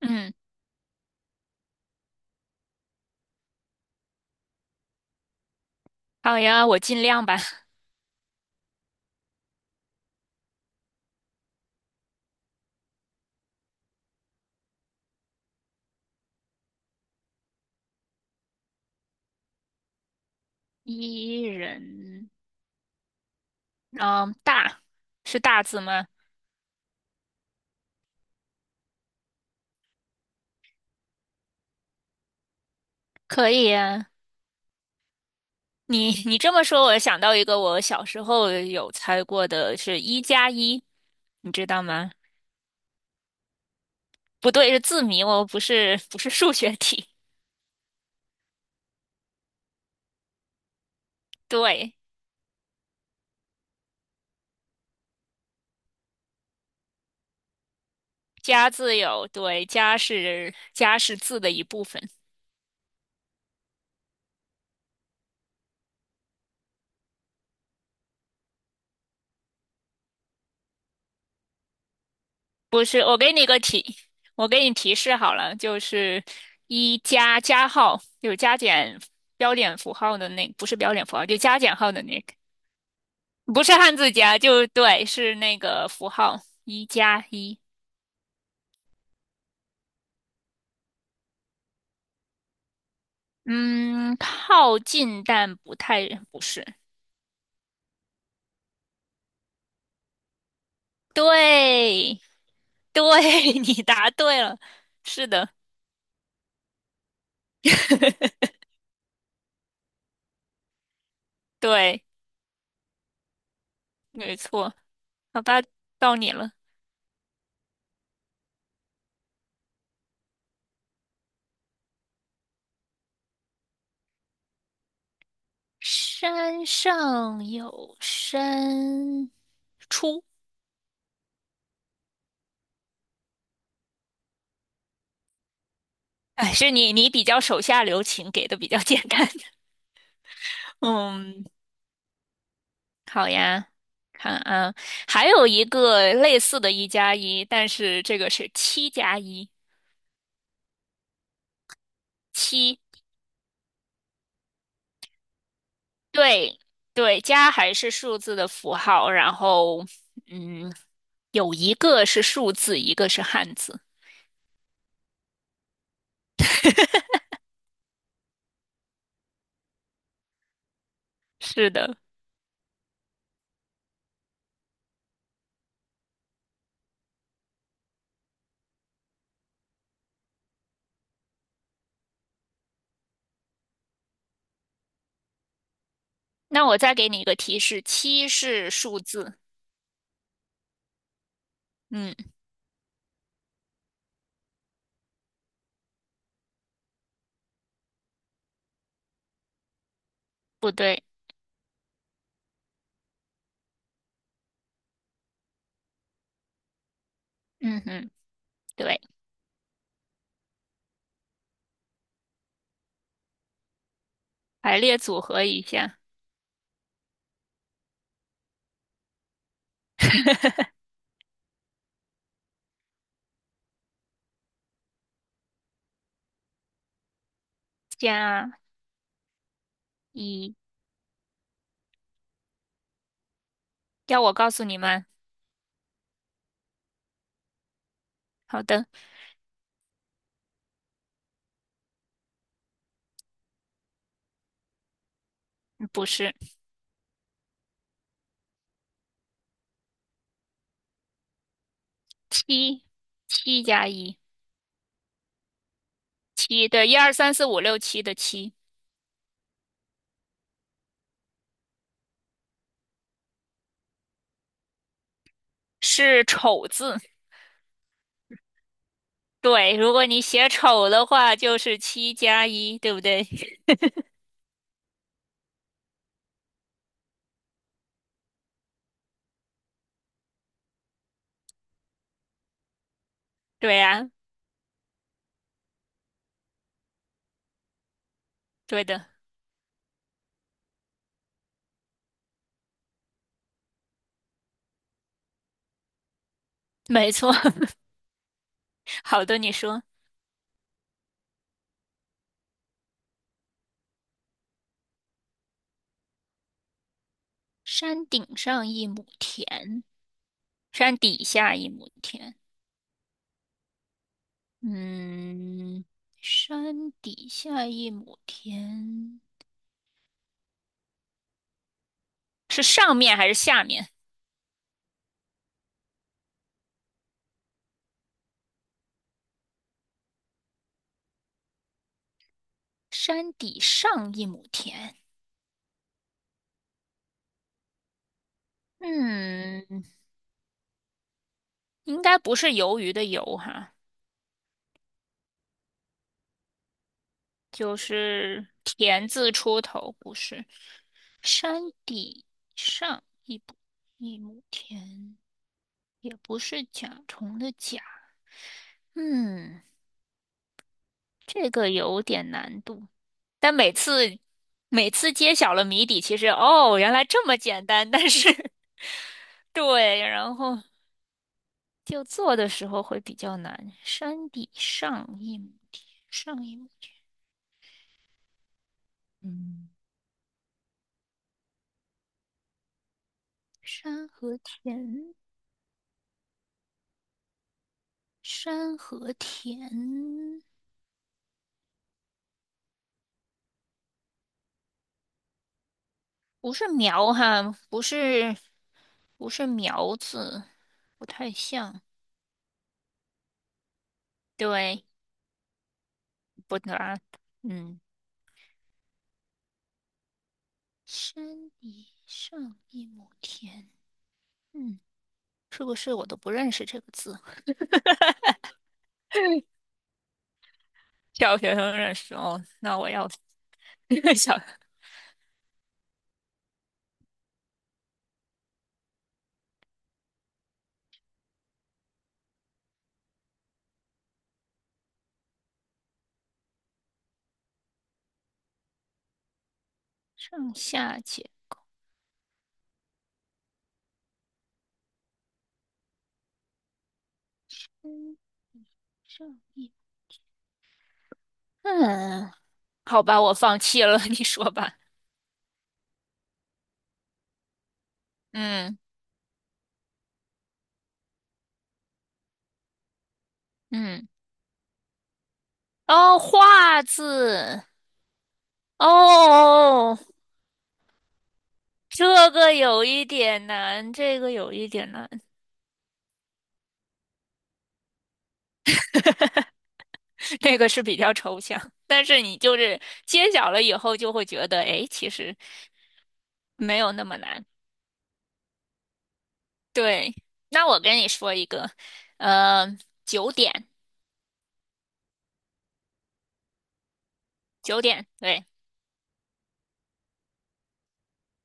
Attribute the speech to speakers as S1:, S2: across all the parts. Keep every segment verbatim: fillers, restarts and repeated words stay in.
S1: 嗯，好呀，我尽量吧。一人，嗯，大，是大字吗？可以呀。你你这么说，我想到一个我小时候有猜过的是一加一，你知道吗？不对，是字谜哦，不是不是数学题。对，加字有，对，加是加是字的一部分。不是，我给你个提，我给你提示好了，就是一加加号，有加减标点符号的那，不是标点符号，就加减号的那个，不是汉字加，就对，是那个符号一加一。嗯，靠近但不太，不是，对，对，你答对了，是的，对，没错，好吧，到你了。山上有山，出。哎，是你你比较手下留情，给的比较简单。嗯，好呀，看啊，还有一个类似的一加一，但是这个是七加一，七，对对，加还是数字的符号，然后嗯，有一个是数字，一个是汉字。是的，那我再给你一个提示，七是数字，嗯，不对，嗯嗯，对。排列组合一下，加一。要我告诉你们？好的，不是七，七加一，七，对，一二三四五六七的七是丑字。对，如果你写丑的话，就是七加一，对不对？对呀，对的，没错。好的，你说，山顶上一亩田，山底下一亩田。嗯，山底下一亩田是上面还是下面？山底上一亩田，嗯，应该不是鱿鱼的鱿哈，就是田字出头，不是。山底上一亩一亩田，也不是甲虫的甲，嗯，这个有点难度。但每次每次揭晓了谜底，其实哦，原来这么简单，但是 对，然后。就做的时候会比较难。山底上一亩田，上一亩地，嗯，山和田，山和田，不是苗哈，不是不是苗字，不太像。对，不难。嗯，山底上一亩田，嗯，是不是我都不认识这个字？小学生认识哦，那我要 小上下简，嗯，上。一。嗯，好吧，我放弃了，你说吧。嗯嗯，哦，画字，哦，这个有一点难，这个有一点难，这个是比较抽象，但是你就是揭晓了以后，就会觉得，哎，其实没有那么难。对，那我跟你说一个，呃，九点，九点，对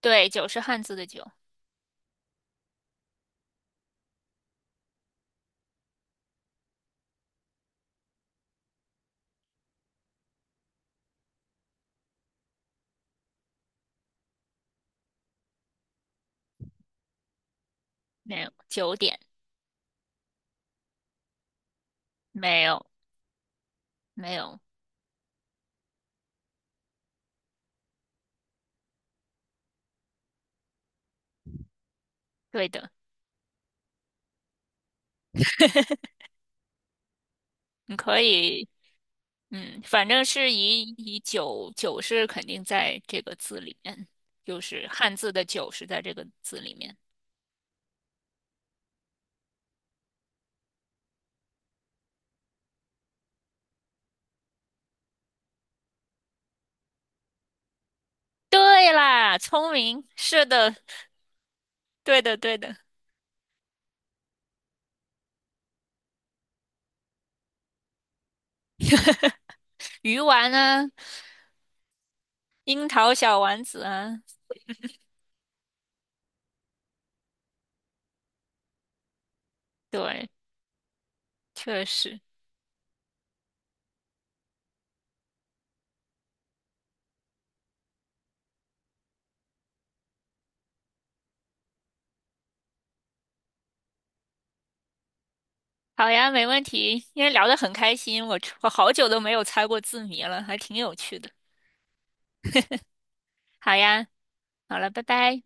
S1: 对，九是汉字的九，没有，九点，没有没有，对的，你可以。嗯，反正是以以九九是肯定在这个字里面，就是汉字的九是在这个字里面。对啦，聪明，是的，对的，对的。鱼丸啊，樱桃小丸子啊，对，确实。好呀，没问题，因为聊得很开心，我我好久都没有猜过字谜了，还挺有趣的。好呀，好了，拜拜。